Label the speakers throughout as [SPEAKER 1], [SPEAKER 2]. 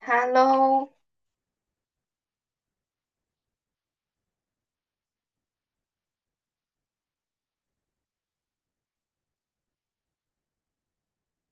[SPEAKER 1] Hello，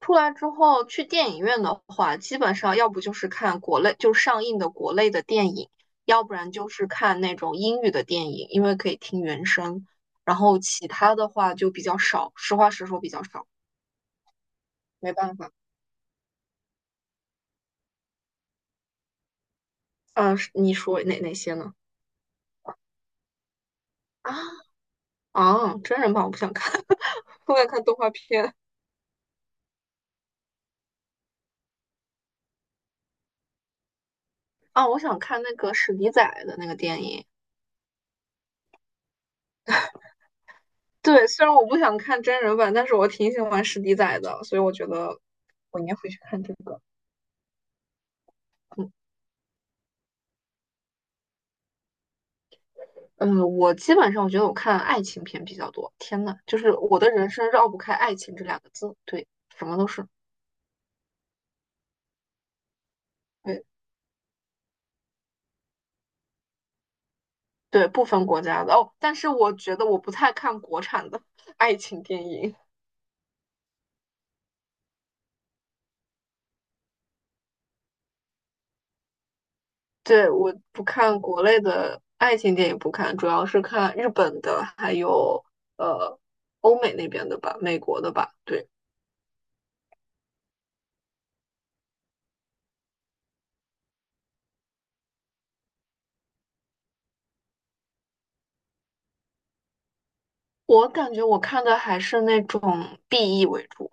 [SPEAKER 1] 出来之后去电影院的话，基本上要不就是看国内，就上映的国内的电影，要不然就是看那种英语的电影，因为可以听原声。然后其他的话就比较少，实话实说比较少，没办法。嗯、是你说哪些呢？啊啊，真人版我不想看，我想看动画片。啊，我想看那个史迪仔的那个电影。对，虽然我不想看真人版，但是我挺喜欢史迪仔的，所以我觉得我应该会去看这个。嗯。嗯，我基本上我觉得我看爱情片比较多。天呐，就是我的人生绕不开爱情这两个字，对，什么都是，对对，不分国家的哦。但是我觉得我不太看国产的 爱情电影，对，我不看国内的爱情电影，不看，主要是看日本的，还有呃欧美那边的吧，美国的吧。对，我感觉我看的还是那种 BE 为主，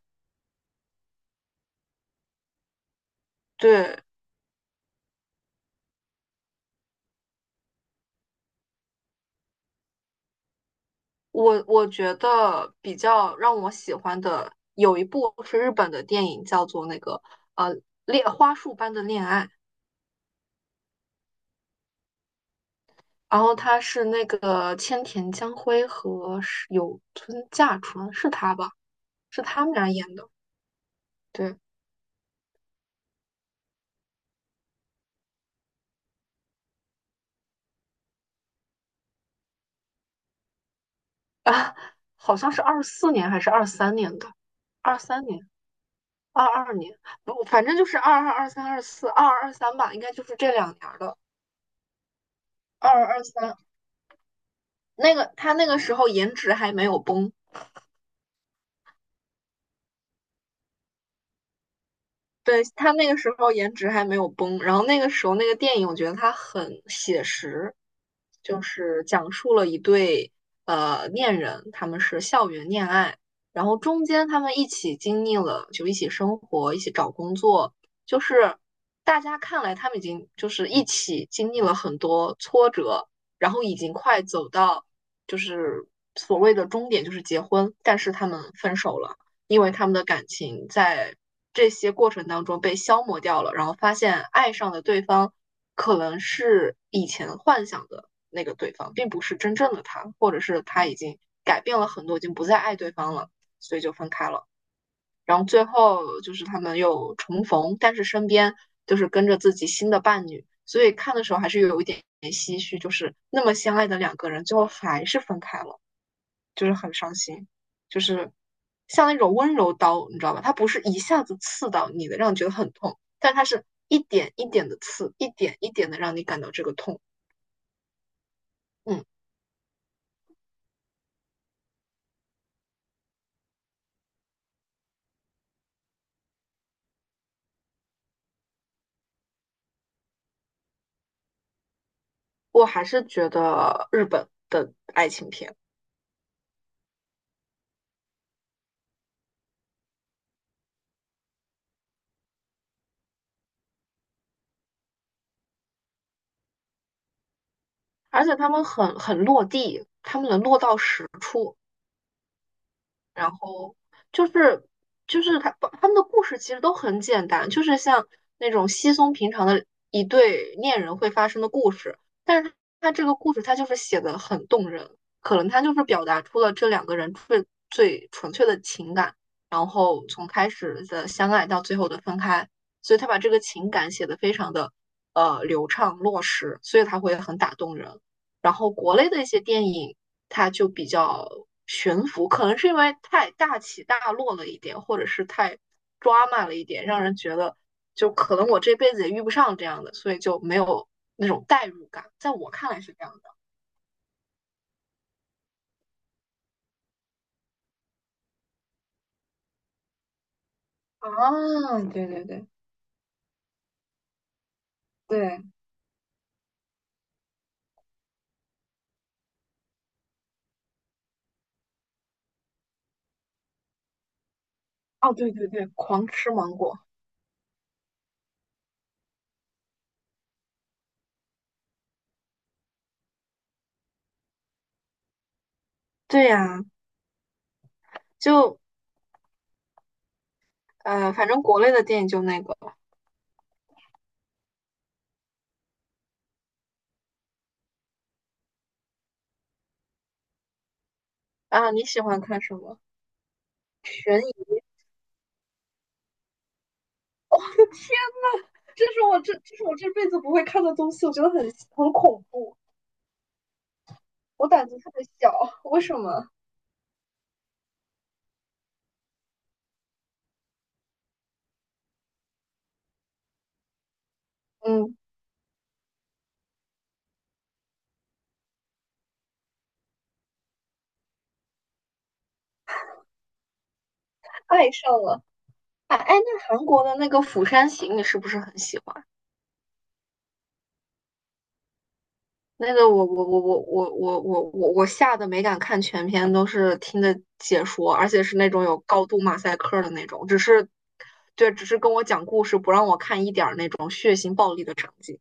[SPEAKER 1] 对。我觉得比较让我喜欢的有一部是日本的电影，叫做那个呃恋花束般的恋爱，然后他是那个千田江辉和是有村架纯是他吧？是他们俩演的，对啊，好像是24年还是二三年的，二三年、22年，不，反正就是二二、二三、二四、二二、二三吧，应该就是这两年儿的，二二、二三。那个他那个时候颜值还没有崩，对，他那个时候颜值还没有崩，然后那个时候那个电影，我觉得它很写实，就是讲述了一对恋人，他们是校园恋爱，然后中间他们一起经历了，就一起生活，一起找工作，就是大家看来他们已经就是一起经历了很多挫折，然后已经快走到就是所谓的终点，就是结婚，但是他们分手了。因为他们的感情在这些过程当中被消磨掉了，然后发现爱上的对方可能是以前幻想的那个对方，并不是真正的他，或者是他已经改变了很多，已经不再爱对方了，所以就分开了。然后最后就是他们又重逢，但是身边就是跟着自己新的伴侣，所以看的时候还是有一点唏嘘，就是那么相爱的两个人，最后还是分开了。就是很伤心，就是像那种温柔刀，你知道吧？它不是一下子刺到你的，让你觉得很痛，但它是一点一点的刺，一点一点的让你感到这个痛。嗯，我还是觉得日本的爱情片，而且他们很落地，他们能落到实处。然后就是就是他们的故事其实都很简单，就是像那种稀松平常的一对恋人会发生的故事，但是他这个故事他就是写的很动人，可能他就是表达出了这两个人最纯粹的情感，然后从开始的相爱到最后的分开，所以他把这个情感写的非常的流畅落实，所以他会很打动人。然后国内的一些电影，它就比较悬浮，可能是因为太大起大落了一点，或者是太抓马了一点，让人觉得就可能我这辈子也遇不上这样的，所以就没有那种代入感。在我看来是这样的。啊，对对对对，哦对对对，狂吃芒果。对呀、就反正国内的电影就那个啊，你喜欢看什么？悬疑，这是我这辈子不会看的东西，我觉得很恐怖。我胆子特别小，为什么？嗯，爱上了。哎哎，那韩国的那个《釜山行》，你是不是很喜欢？那个我吓得没敢看全篇，都是听的解说，而且是那种有高度马赛克的那种，只是对，只是跟我讲故事，不让我看一点儿那种血腥暴力的场景，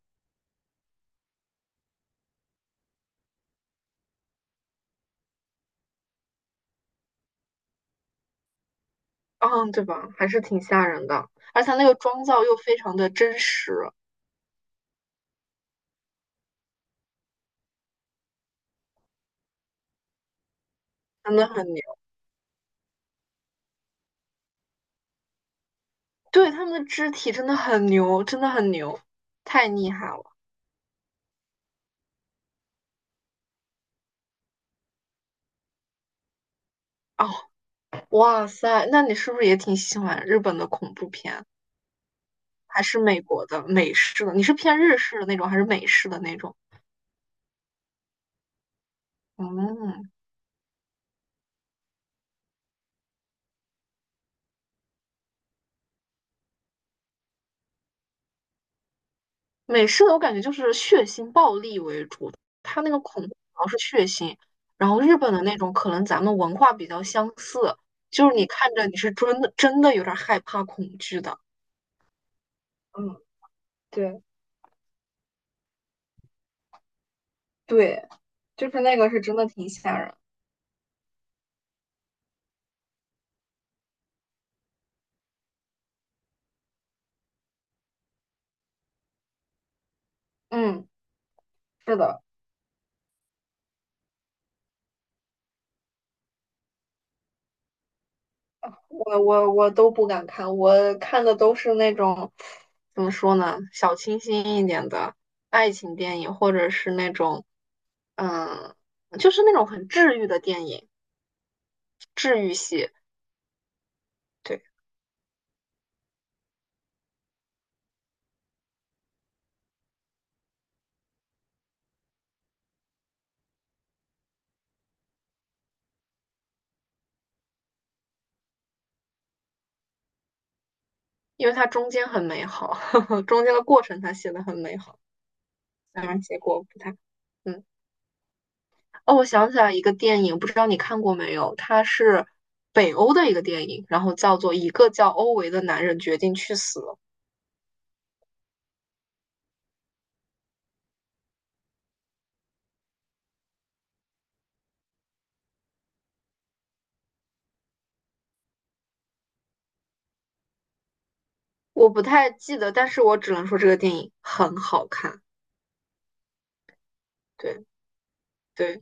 [SPEAKER 1] 嗯，对吧？还是挺吓人的，而且它那个妆造又非常的真实，真的很牛。对，他们的肢体真的很牛，真的很牛，太厉害了。哦，哇塞，那你是不是也挺喜欢日本的恐怖片，还是美国的美式的？你是偏日式的那种，还是美式的那种？嗯，美式的我感觉就是血腥暴力为主，它那个恐怖主要是血腥，然后日本的那种可能咱们文化比较相似，就是你看着你是真的真的有点害怕恐惧的。嗯，对对，就是那个是真的挺吓人。嗯，是的。我都不敢看，我看的都是那种怎么说呢，小清新一点的爱情电影，或者是那种嗯，就是那种很治愈的电影，治愈系。对，因为它中间很美好，中间的过程它写的很美好，当然结果不太。嗯，哦，我想起来一个电影，不知道你看过没有？它是北欧的一个电影，然后叫做《一个叫欧维的男人决定去死》。我不太记得，但是我只能说这个电影很好看。对对，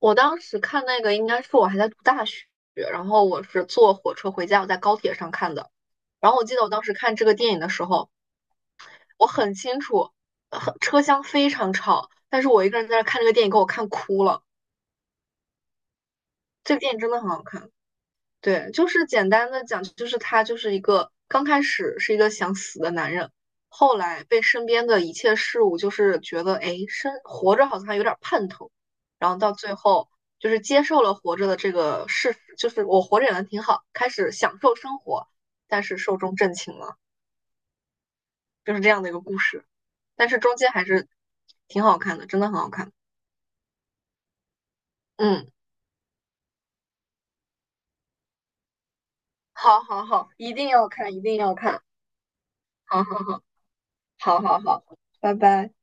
[SPEAKER 1] 我当时看那个应该是我还在读大学，然后我是坐火车回家，我在高铁上看的。然后我记得我当时看这个电影的时候，我很清楚，车厢非常吵，但是我一个人在那看这个电影，给我看哭了。这个电影真的很好看。对，就是简单的讲，就是他就是一个刚开始是一个想死的男人，后来被身边的一切事物就是觉得，哎，生活着好像还有点盼头，然后到最后就是接受了活着的这个事实，就是我活着也能挺好，开始享受生活，但是寿终正寝了，就是这样的一个故事，但是中间还是挺好看的，真的很好看。嗯，好好好，一定要看，一定要看，好好好，好好好，拜拜。